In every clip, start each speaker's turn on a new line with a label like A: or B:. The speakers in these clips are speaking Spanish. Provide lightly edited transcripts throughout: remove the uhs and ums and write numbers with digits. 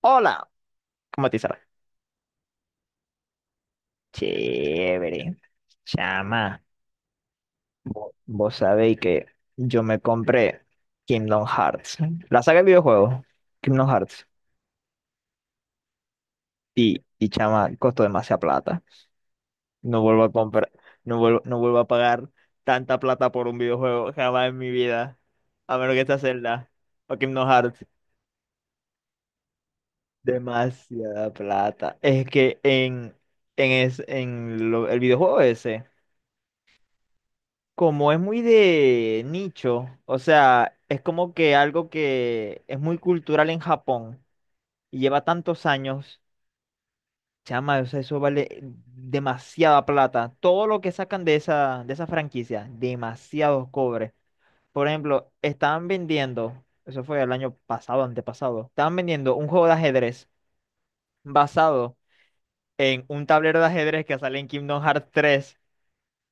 A: Hola, ¿cómo te sale? Chévere. Chama, vos sabéis que yo me compré Kingdom Hearts, la saga de videojuegos, Kingdom Hearts, y chama, costó demasiada plata. No vuelvo a comprar, no vuelvo, no vuelvo a pagar tanta plata por un videojuego jamás en mi vida, a menos que esta Zelda o Kingdom Hearts. Demasiada plata. Es que en el videojuego ese. Como es muy de nicho, o sea, es como que algo que es muy cultural en Japón y lleva tantos años, chama, o sea, eso vale demasiada plata. Todo lo que sacan de esa de esa franquicia, demasiados cobres. Por ejemplo, estaban vendiendo, eso fue el año pasado, antepasado, estaban vendiendo un juego de ajedrez basado en un tablero de ajedrez que sale en Kingdom Hearts 3,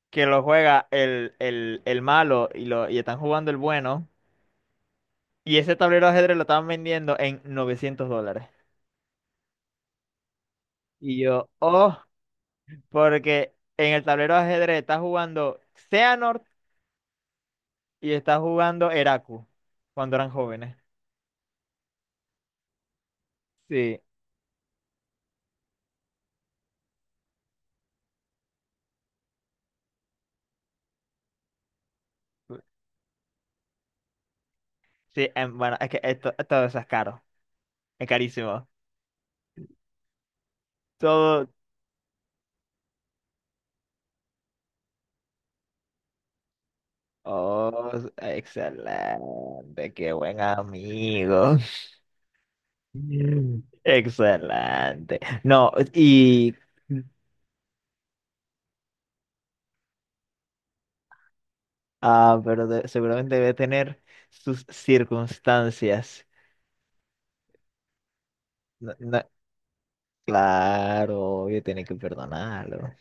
A: que lo juega el malo y están jugando el bueno. Y ese tablero de ajedrez lo estaban vendiendo en $900. Y yo, oh, porque en el tablero de ajedrez está jugando Xehanort y está jugando Eraku cuando eran jóvenes. Sí, sí, bueno, es que esto, todo eso es caro, es carísimo. Todo. Oh, excelente, qué buen amigo. Mm. Excelente. No, y. Ah, pero seguramente debe tener sus circunstancias. No- no- claro, obvio, tiene que perdonarlo.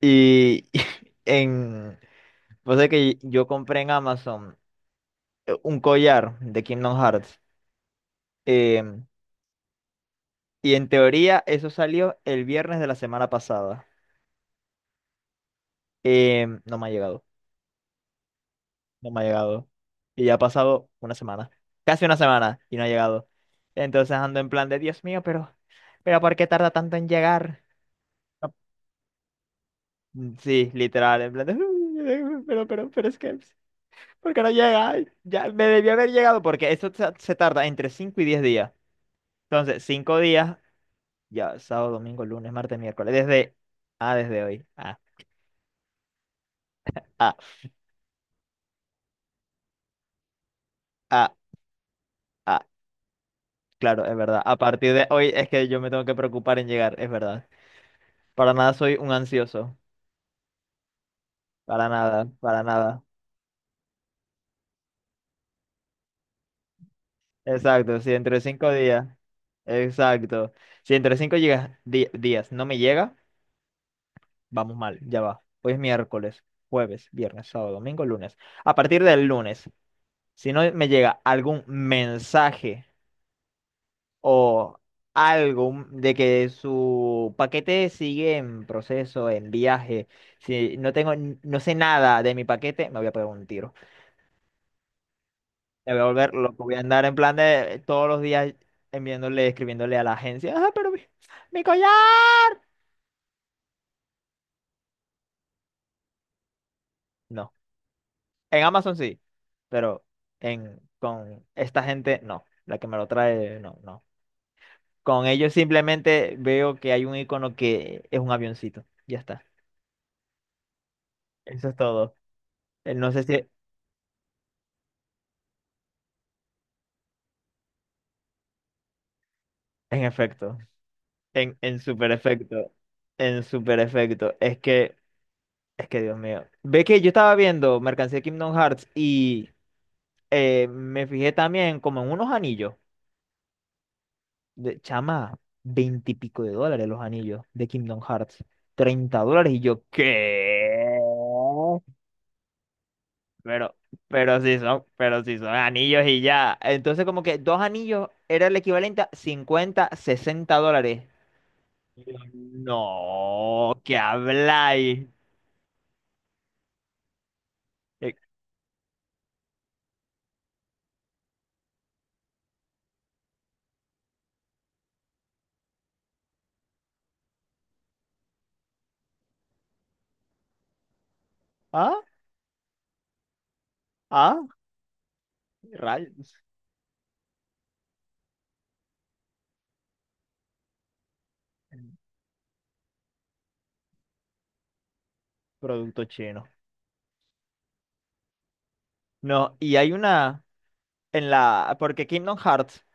A: Y en, pues es que yo compré en Amazon un collar de Kingdom Hearts. em, y en teoría eso salió el viernes de la semana pasada. No me ha llegado, no me ha llegado. Y ya ha pasado una semana, casi una semana, y no ha llegado. Entonces ando en plan de, Dios mío, pero ¿por qué tarda tanto en llegar? No- Sí, literal, en plan de, pero, pero es que... Porque no llega. Ay, ya me debió haber llegado porque esto se tarda entre 5 y 10 días. Entonces, 5 días, ya sábado, domingo, lunes, martes, miércoles, desde... Ah, desde hoy. Ah, ah, ah, ah. Claro, es verdad. A partir de hoy es que yo me tengo que preocupar en llegar, es verdad. Para nada soy un ansioso. Para nada, para nada. Exacto, si entre 5 días. Exacto. Si entre 5 llegas, días no me llega, vamos mal, ya va. Hoy es miércoles, jueves, viernes, sábado, domingo, lunes. A partir del lunes. Si no me llega algún mensaje o algo de que su paquete sigue en proceso, en viaje, si no tengo, no sé nada de mi paquete, me voy a pegar un tiro. Me voy a volver loco, voy a andar en plan de todos los días enviándole, escribiéndole a la agencia, ah, pero mi collar. No, en Amazon sí, pero con esta gente no, la que me lo trae, no, no. Con ellos simplemente veo que hay un icono que es un avioncito. Ya está. Eso es todo. No sé si en efecto, en super efecto, en super efecto. Es que Dios mío. Ve que yo estaba viendo mercancía de Kingdom Hearts y me fijé también como en unos anillos. De, chama, veintipico de dólares los anillos de Kingdom Hearts. Treinta dólares y yo, ¿qué? Pero, pero sí son anillos y ya. Entonces, como que dos anillos era el equivalente a 50, $60. Y yo, no, ¿qué habláis? Eh, ¿Ah? ¿Ah? Rayos. Producto chino. No, y hay una en la, porque Kingdom Hearts,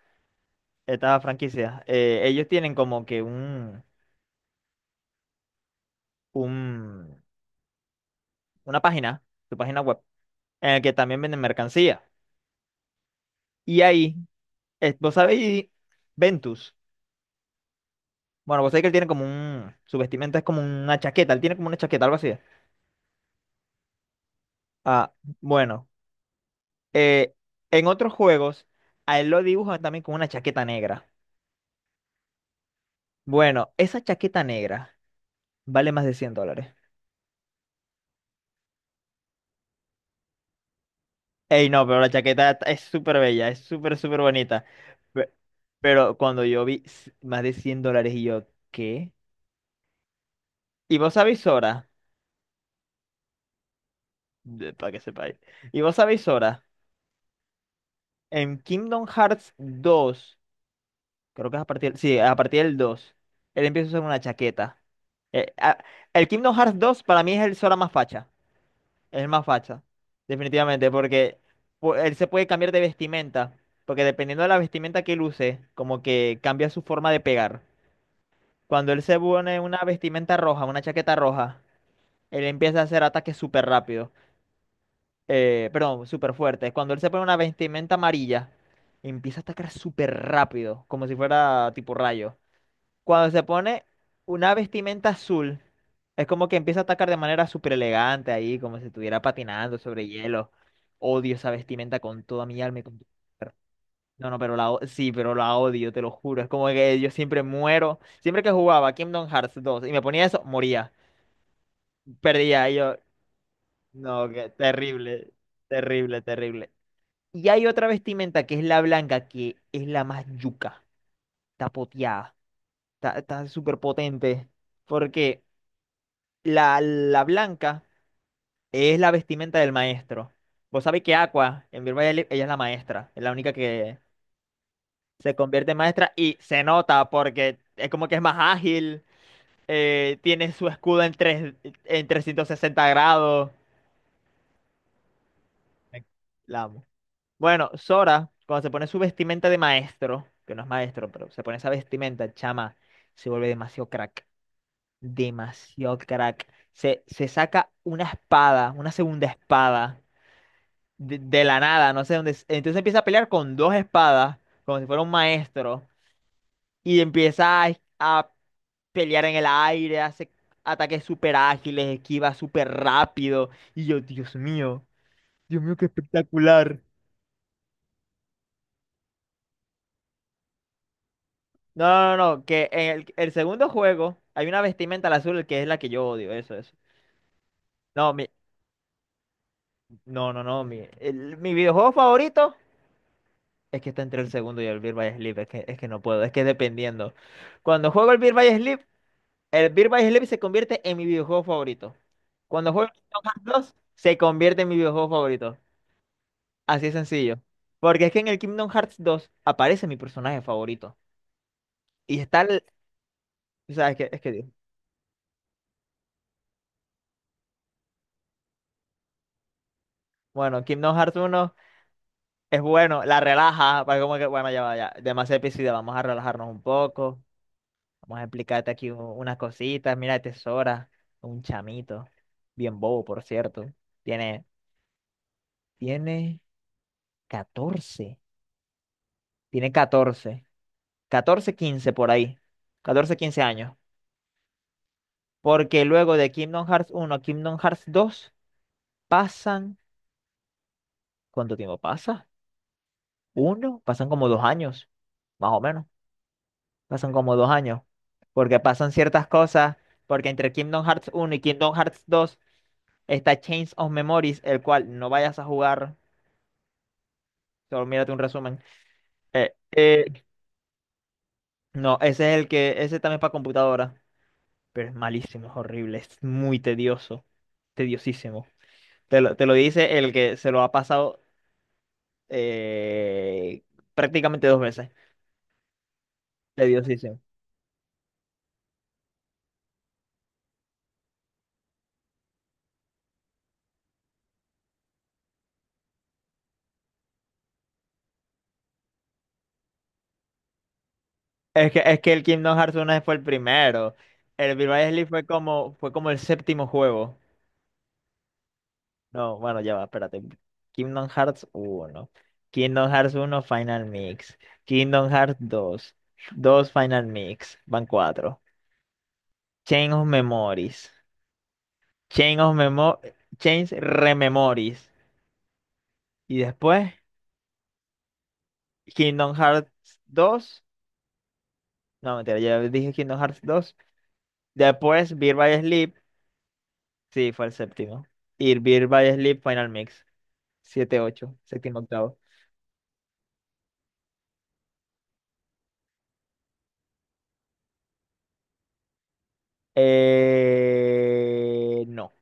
A: esta franquicia, ellos tienen como que un, una página, su página web, en la que también venden mercancía. Y ahí, vos sabéis, Ventus. Bueno, vos sabés que él tiene como un. Su vestimenta es como una chaqueta. Él tiene como una chaqueta, algo así. Ah, bueno. eh, en otros juegos, a él lo dibujan también con una chaqueta negra. Bueno, esa chaqueta negra vale más de $100. Ey, no, pero la chaqueta es súper bella, es súper, súper bonita. Pe- Pero cuando yo vi más de $100 y yo, ¿qué? ¿Y vos sabéis Sora? Para que sepáis. ¿Y vos sabéis Sora? En Kingdom Hearts 2. Creo que es a partir, sí, a partir del dos. Él empieza a usar una chaqueta. Eh, ah, el Kingdom Hearts dos para mí es el Sora más facha. Es el más facha. Definitivamente, porque él se puede cambiar de vestimenta. Porque dependiendo de la vestimenta que él use, como que cambia su forma de pegar. Cuando él se pone una vestimenta roja, una chaqueta roja, él empieza a hacer ataques súper rápidos. Perdón, súper fuertes. Cuando él se pone una vestimenta amarilla, empieza a atacar súper rápido, como si fuera tipo rayo. Cuando se pone una vestimenta azul, es como que empieza a atacar de manera súper elegante ahí, como si estuviera patinando sobre hielo. Odio esa vestimenta con toda mi alma. No, no, pero sí, pero la odio, te lo juro. Es como que yo siempre muero. Siempre que jugaba Kingdom Hearts 2 y me ponía eso, moría. Perdía. Y yo, no, que terrible, terrible, terrible. Y hay otra vestimenta que es la blanca, que es la más yuca. Está poteada, está súper potente. Porque la blanca es la vestimenta del maestro. Vos sabés que Aqua, en Virtual ella es la maestra, es la única que se convierte en maestra y se nota porque es como que es más ágil, tiene su escudo en 360 grados. Me- La amo. Bueno, Sora, cuando se pone su vestimenta de maestro, que no es maestro, pero se pone esa vestimenta, chama, se vuelve demasiado crack, demasiado crack. Se saca una espada, una segunda espada, de la nada, no sé dónde es. Entonces empieza a pelear con dos espadas, como si fuera un maestro, y empieza a pelear en el aire, hace ataques súper ágiles, esquiva súper rápido. Y yo, Dios mío, qué espectacular. No, no, no, no, que en el segundo juego hay una vestimenta al azul que es la que yo odio, eso, eso. No, mi, no, no, no, mi videojuego favorito es que está entre el segundo y el Beat by Sleep, es que no puedo, es que dependiendo. Cuando juego el Beat by Sleep, el Birth by Sleep se convierte en mi videojuego favorito. Cuando juego el Kingdom Hearts 2, se convierte en mi videojuego favorito. Así de sencillo. Porque es que en el Kingdom Hearts 2 aparece mi personaje favorito. Y está el... O sea, es que... Bueno, Kingdom Hearts uno es bueno, la relaja, para como que, bueno, ya va, ya, demasiado episodio, vamos a relajarnos un poco, vamos a explicarte aquí unas cositas, mira, Tesora, un chamito, bien bobo, por cierto, tiene, tiene 14. Tiene 14. Catorce 15 por ahí. Catorce 15 años. Porque luego de Kingdom Hearts uno a Kingdom Hearts dos pasan... ¿Cuánto tiempo pasa? Uno, pasan como 2 años, más o menos. Pasan como dos años. Porque pasan ciertas cosas. Porque entre Kingdom Hearts uno y Kingdom Hearts dos está Chains of Memories, el cual no vayas a jugar. Solo mírate un resumen. Eh, eh, no, ese es el que... Ese también es para computadora. Pero es malísimo, es horrible, es muy tedioso. Tediosísimo. Te lo dice el que se lo ha pasado eh, prácticamente dos veces. Tediosísimo. Es que el Kingdom Hearts uno fue el primero. El Birth Sleep fue como el séptimo juego. No, bueno, ya va, espérate. Kingdom Hearts uno. Kingdom Hearts uno Final Mix. Kingdom Hearts dos. 2 Final Mix. Van 4. Chain of Memories. Chain of Memo Chains Rememories. Y después Kingdom Hearts dos. No, mentira, ya dije Kingdom Hearts dos. Después, Beer by Sleep. Sí, fue el séptimo. Y Beer by Sleep Final Mix. Siete, ocho, séptimo, octavo. No,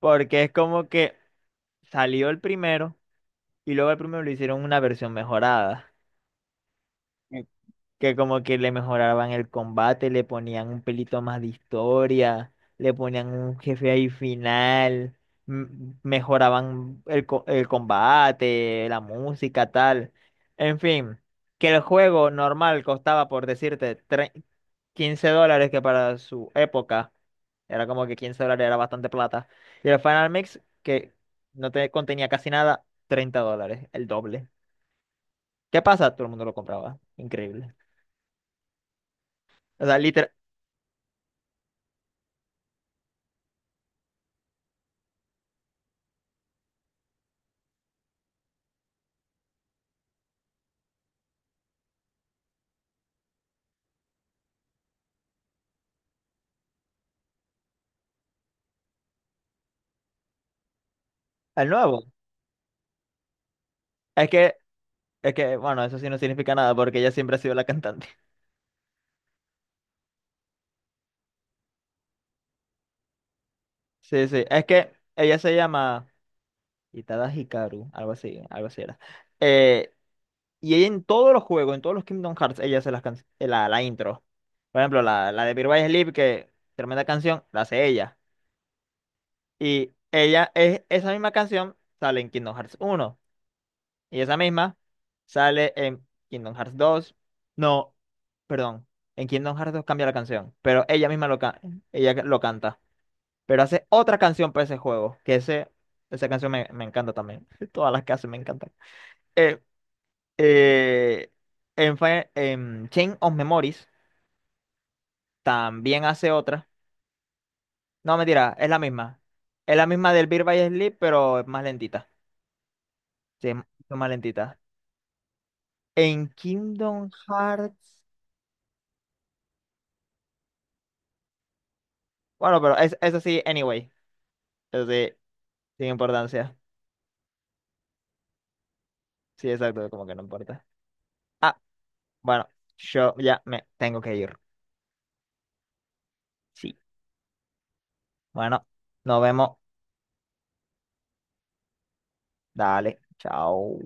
A: porque es como que salió el primero y luego el primero le hicieron una versión mejorada, que como que le mejoraban el combate, le ponían un pelito más de historia, le ponían un jefe ahí final, m- mejoraban el combate, la música, tal. En fin, que el juego normal costaba, por decirte, $15, que para su época era como que $15 era bastante plata. Y el Final Mix, que no te contenía casi nada, $30, el doble. ¿Qué pasa? Todo el mundo lo compraba. Increíble. O sea, el nuevo. Es que, bueno, eso sí no significa nada porque ella siempre ha sido la cantante. Sí, sí. Es que ella se llama Itada Hikaru, algo así era. Eh, y ella en todos los juegos, en todos los Kingdom Hearts, ella hace la intro. Por ejemplo, la de Birth by Sleep, que tremenda canción, la hace ella. Y ella es esa misma canción, sale en Kingdom Hearts uno. Y esa misma sale en Kingdom Hearts dos. No, perdón. En Kingdom Hearts dos cambia la canción, pero ella misma, ella lo canta. Pero hace otra canción para ese juego, que esa canción me encanta también. Todas las que hace me encantan. Eh, eh, en Chain of Memories también hace otra. No, mentira, es la misma. Es la misma del Beat by Sleep, pero es más lentita. Sí, es mucho más lentita. En Kingdom Hearts... Bueno, pero eso sí, anyway. Eso sí, sin importancia. Sí, exacto, como que no importa. Ah, bueno, yo ya me tengo que ir. Sí. Bueno, nos vemos. Dale, chao.